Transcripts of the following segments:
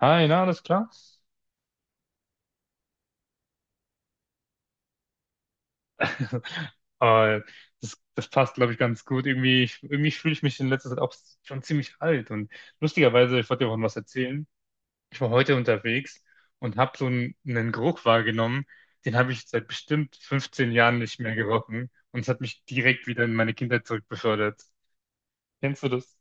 Hi, na, alles klar? Aber das passt, glaube ich, ganz gut. Irgendwie, irgendwie fühle ich mich in letzter Zeit auch schon ziemlich alt. Und lustigerweise, ich wollte dir auch noch was erzählen. Ich war heute unterwegs und habe so einen Geruch wahrgenommen, den habe ich seit bestimmt 15 Jahren nicht mehr gerochen. Und es hat mich direkt wieder in meine Kindheit zurückbefördert. Kennst du das?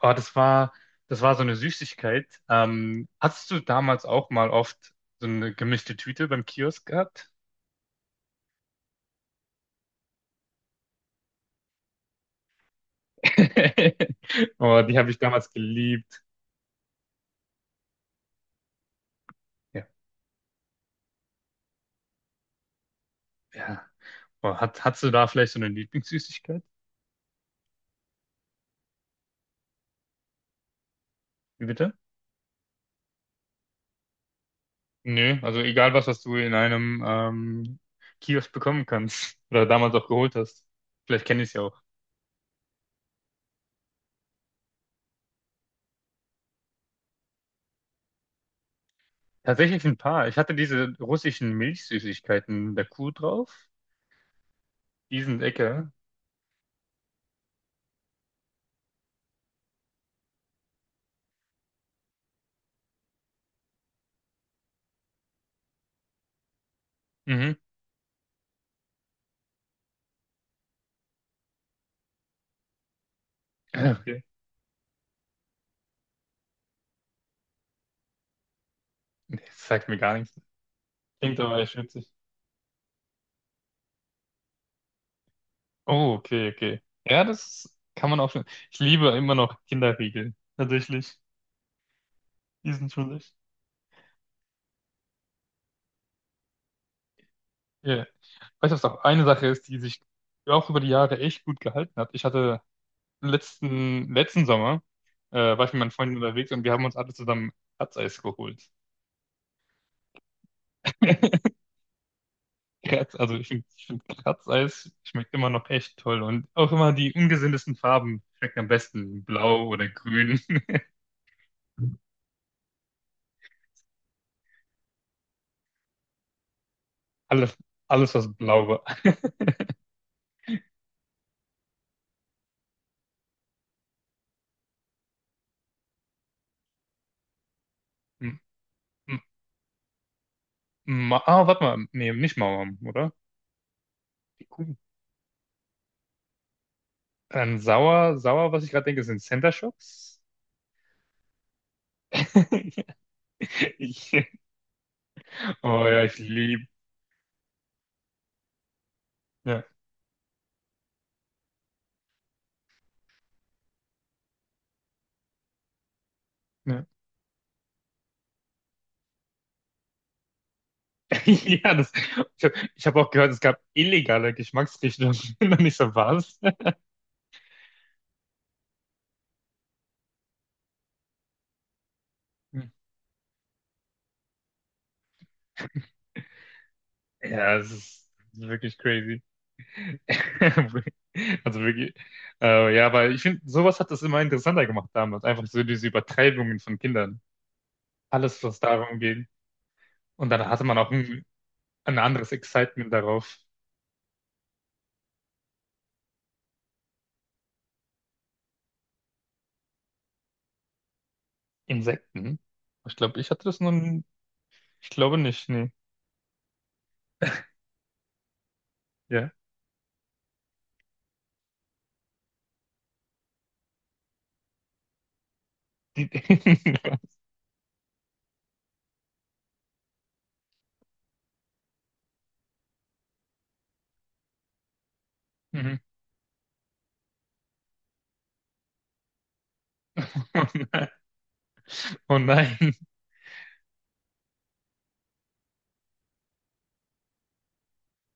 Oh, das war so eine Süßigkeit. Hattest du damals auch mal oft so eine gemischte Tüte beim Kiosk gehabt? Oh, die habe ich damals geliebt. Ja, ja. Oh, hast du da vielleicht so eine Lieblingssüßigkeit? Wie bitte? Nö, also egal was du in einem Kiosk bekommen kannst oder damals auch geholt hast. Vielleicht kenne ich es ja auch. Tatsächlich ein paar. Ich hatte diese russischen Milchsüßigkeiten mit der Kuh drauf. Die sind lecker. Mhm. Okay. Nee, das sagt mir gar nichts. Klingt aber echt witzig. Oh, okay, okay. Ja, das kann man auch schon. Ich liebe immer noch Kinderriegel. Tatsächlich. Die sind schon. Ja. Weißt du, was auch eine Sache ist, die sich auch über die Jahre echt gut gehalten hat? Ich hatte letzten Sommer, war ich mit meinen Freunden unterwegs und wir haben uns alle zusammen Kratzeis geholt. Also ich find Kratzeis schmeckt immer noch echt toll und auch immer die ungesündesten Farben schmecken am besten. Blau oder grün. Alles, alles was blau war. M- m- warte mal. Nee, nicht Mauern, oder? Die Kuh. Dann sauer, was ich gerade denke, sind Center Shocks. Ich, Oh ja, ich liebe. Ja, ja. Ja, ich hab auch gehört, es gab illegale Geschmacksrichtungen. Und ich so, was? Ja, es ist wirklich crazy. Also wirklich. Ja, aber ich finde, sowas hat das immer interessanter gemacht damals. Einfach so diese Übertreibungen von Kindern. Alles, was darum geht. Und dann hatte man auch ein anderes Excitement darauf. Insekten. Ich glaube, ich hatte das nun. Ich glaube nicht, nee. Ja. Die, Mhm. Oh nein. Oh nein.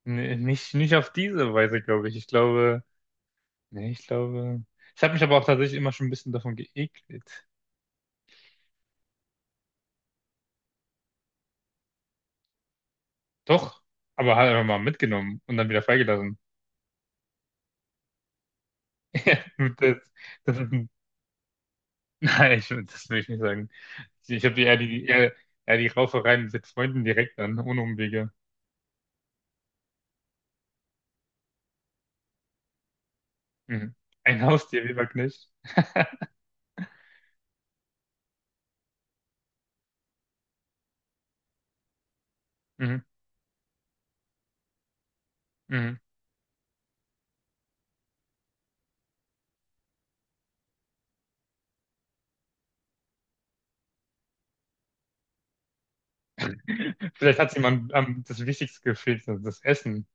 Nee, nicht auf diese Weise, glaube ich. Ich glaube, nee, ich glaube. Ich habe mich aber auch tatsächlich immer schon ein bisschen davon geekelt. Doch, aber halt einfach mal mitgenommen und dann wieder freigelassen. Ja, Das, das ist, nein, das will ich nicht sagen. Ich habe eher die Raufereien mit Freunden direkt an, ohne Umwege. Mhm. Ein Haustier, Weberknecht. Mhm. Mhm. Vielleicht hat jemand das Wichtigste gefehlt, das Essen.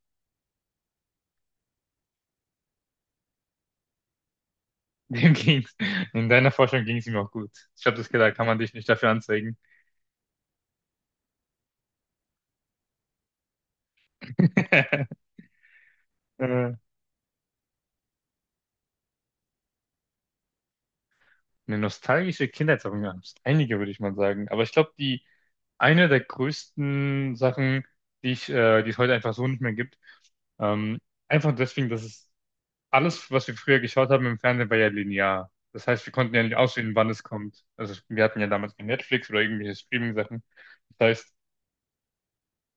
Dem ging's. In deiner Forschung ging es ihm auch gut. Ich habe das gedacht, kann man dich nicht dafür anzeigen. Äh, Eine nostalgische Kindheitserinnerung. Wir haben einige, würde ich mal sagen. Aber ich glaube, die eine der größten Sachen, die die es heute einfach so nicht mehr gibt, ähm, einfach deswegen, dass es alles, was wir früher geschaut haben im Fernsehen, war ja linear. Das heißt, wir konnten ja nicht auswählen, wann es kommt. Also wir hatten ja damals kein Netflix oder irgendwelche Streaming-Sachen. Das heißt,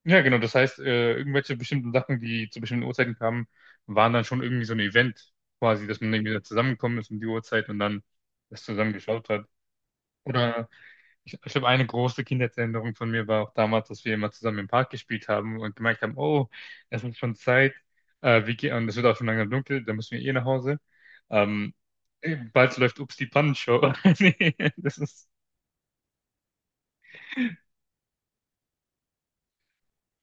Ja, genau. Das heißt, irgendwelche bestimmten Sachen, die zu bestimmten Uhrzeiten kamen, waren dann schon irgendwie so ein Event quasi, dass man irgendwie da zusammengekommen ist um die Uhrzeit und dann das zusammen geschaut hat. Oder ich habe eine große Kindheitserinnerung von mir war auch damals, dass wir immer zusammen im Park gespielt haben und gemerkt haben, oh, es ist schon Zeit, wir gehen, und es wird auch schon langsam dunkel, dann müssen wir eh nach Hause. Ähm, bald läuft Ups die Pannenshow. Nee, das ist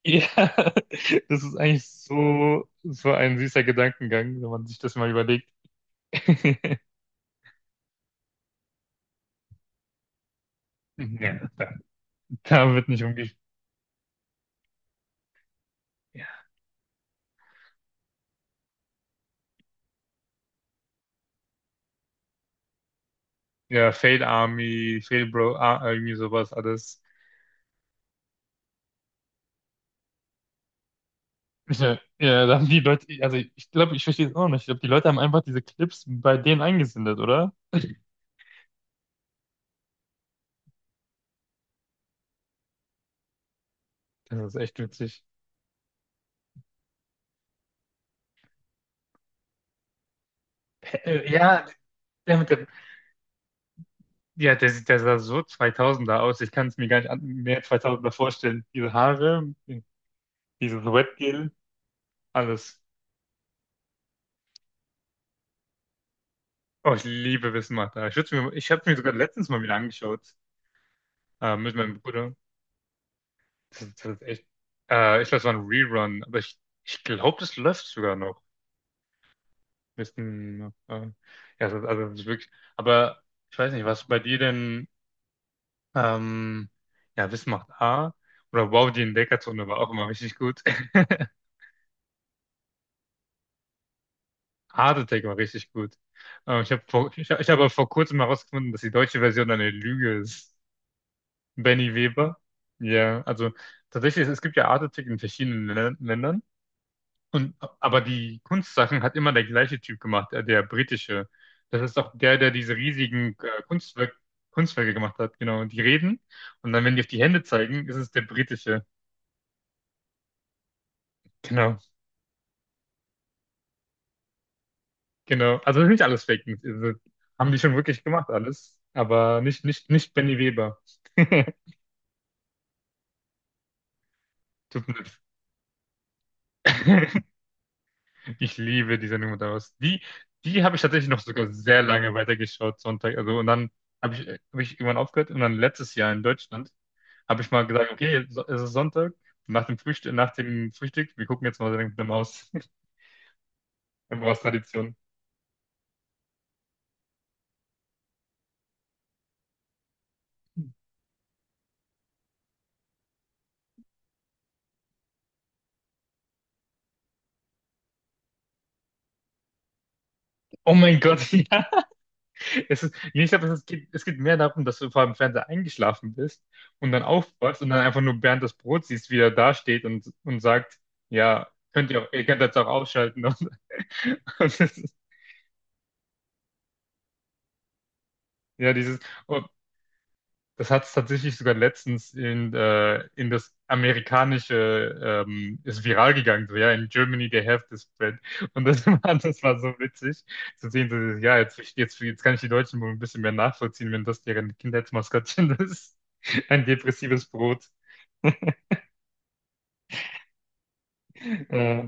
ja, das ist eigentlich so ein süßer Gedankengang, wenn man sich das mal überlegt. Ja, da wird nicht umgeht. Ja, Ja, Fail Army, Fail Bro, irgendwie sowas alles. Ja, ja, da haben die Leute, also ich glaube, ich verstehe es auch nicht. Ich glaube, die Leute haben einfach diese Clips bei denen eingesendet, oder? Das ist echt witzig. Ja, der mit dem, ja, der sah so 2000er aus. Ich kann es mir gar nicht mehr 2000er vorstellen. Diese Haare, dieses Wetgel, alles. Oh, ich liebe Wissen macht Millionen. Ich habe mir sogar letztens mal wieder angeschaut mit meinem Bruder. Das ist echt. Ich glaube, es war ein Rerun, aber ich glaube, das läuft sogar noch. Wissen, äh, ja, das, also das ist wirklich. Aber ich weiß nicht, was bei dir denn ähm, ja Wissen macht A oder Wow, die Entdeckerzone war auch immer richtig gut. Hard Attack war richtig gut. Ich habe vor kurzem mal herausgefunden, dass die deutsche Version eine Lüge ist. Benny Weber. Ja, also tatsächlich, es gibt ja Art-Artikel in verschiedenen Ländern. Und, aber die Kunstsachen hat immer der gleiche Typ gemacht, der britische. Das ist auch der, der diese riesigen Kunstwerke gemacht hat, genau. Die reden und dann, wenn die auf die Hände zeigen, ist es der britische. Genau, genau. Also nicht alles Fake News. Also, haben die schon wirklich gemacht alles, aber nicht, nicht, nicht Benny Weber. Tut mir leid. Ich liebe die Sendung Moderaus. Die, die habe ich tatsächlich noch sogar sehr lange weitergeschaut, Sonntag. Also, und dann hab ich irgendwann aufgehört und dann letztes Jahr in Deutschland habe ich mal gesagt, okay, es ist Sonntag, nach dem Frühstück, wir gucken jetzt mal Sendung mit der Maus. Eine Maus-Tradition. Oh mein Gott, ja. Nee, ich glaube, es geht mehr darum, dass du vor dem Fernseher eingeschlafen bist und dann aufwachst und dann einfach nur Bernd das Brot siehst, wie er da steht und sagt, ja, ihr könnt jetzt auch ausschalten. Und das ist, ja, dieses. Oh, das hat es tatsächlich sogar letztens in das amerikanische, ist viral gegangen, so, ja, in Germany they have this bread. Und das war, das war so witzig zu sehen, so, ja, jetzt kann ich die Deutschen wohl ein bisschen mehr nachvollziehen, wenn das deren Kindheitsmaskottchen ist. Ein depressives Brot. Äh,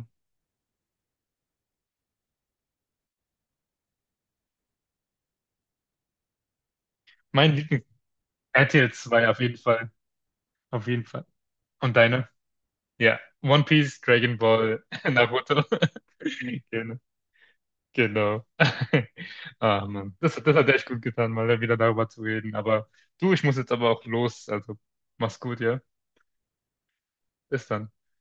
mein Lieblings RTL 2 auf jeden Fall, auf jeden Fall. Und deine? Ja, One Piece, Dragon Ball, Naruto. Genau. Genau. Ah, Mann. Das hat echt gut getan, mal wieder darüber zu reden. Aber du, ich muss jetzt aber auch los. Also mach's gut, ja? Bis dann.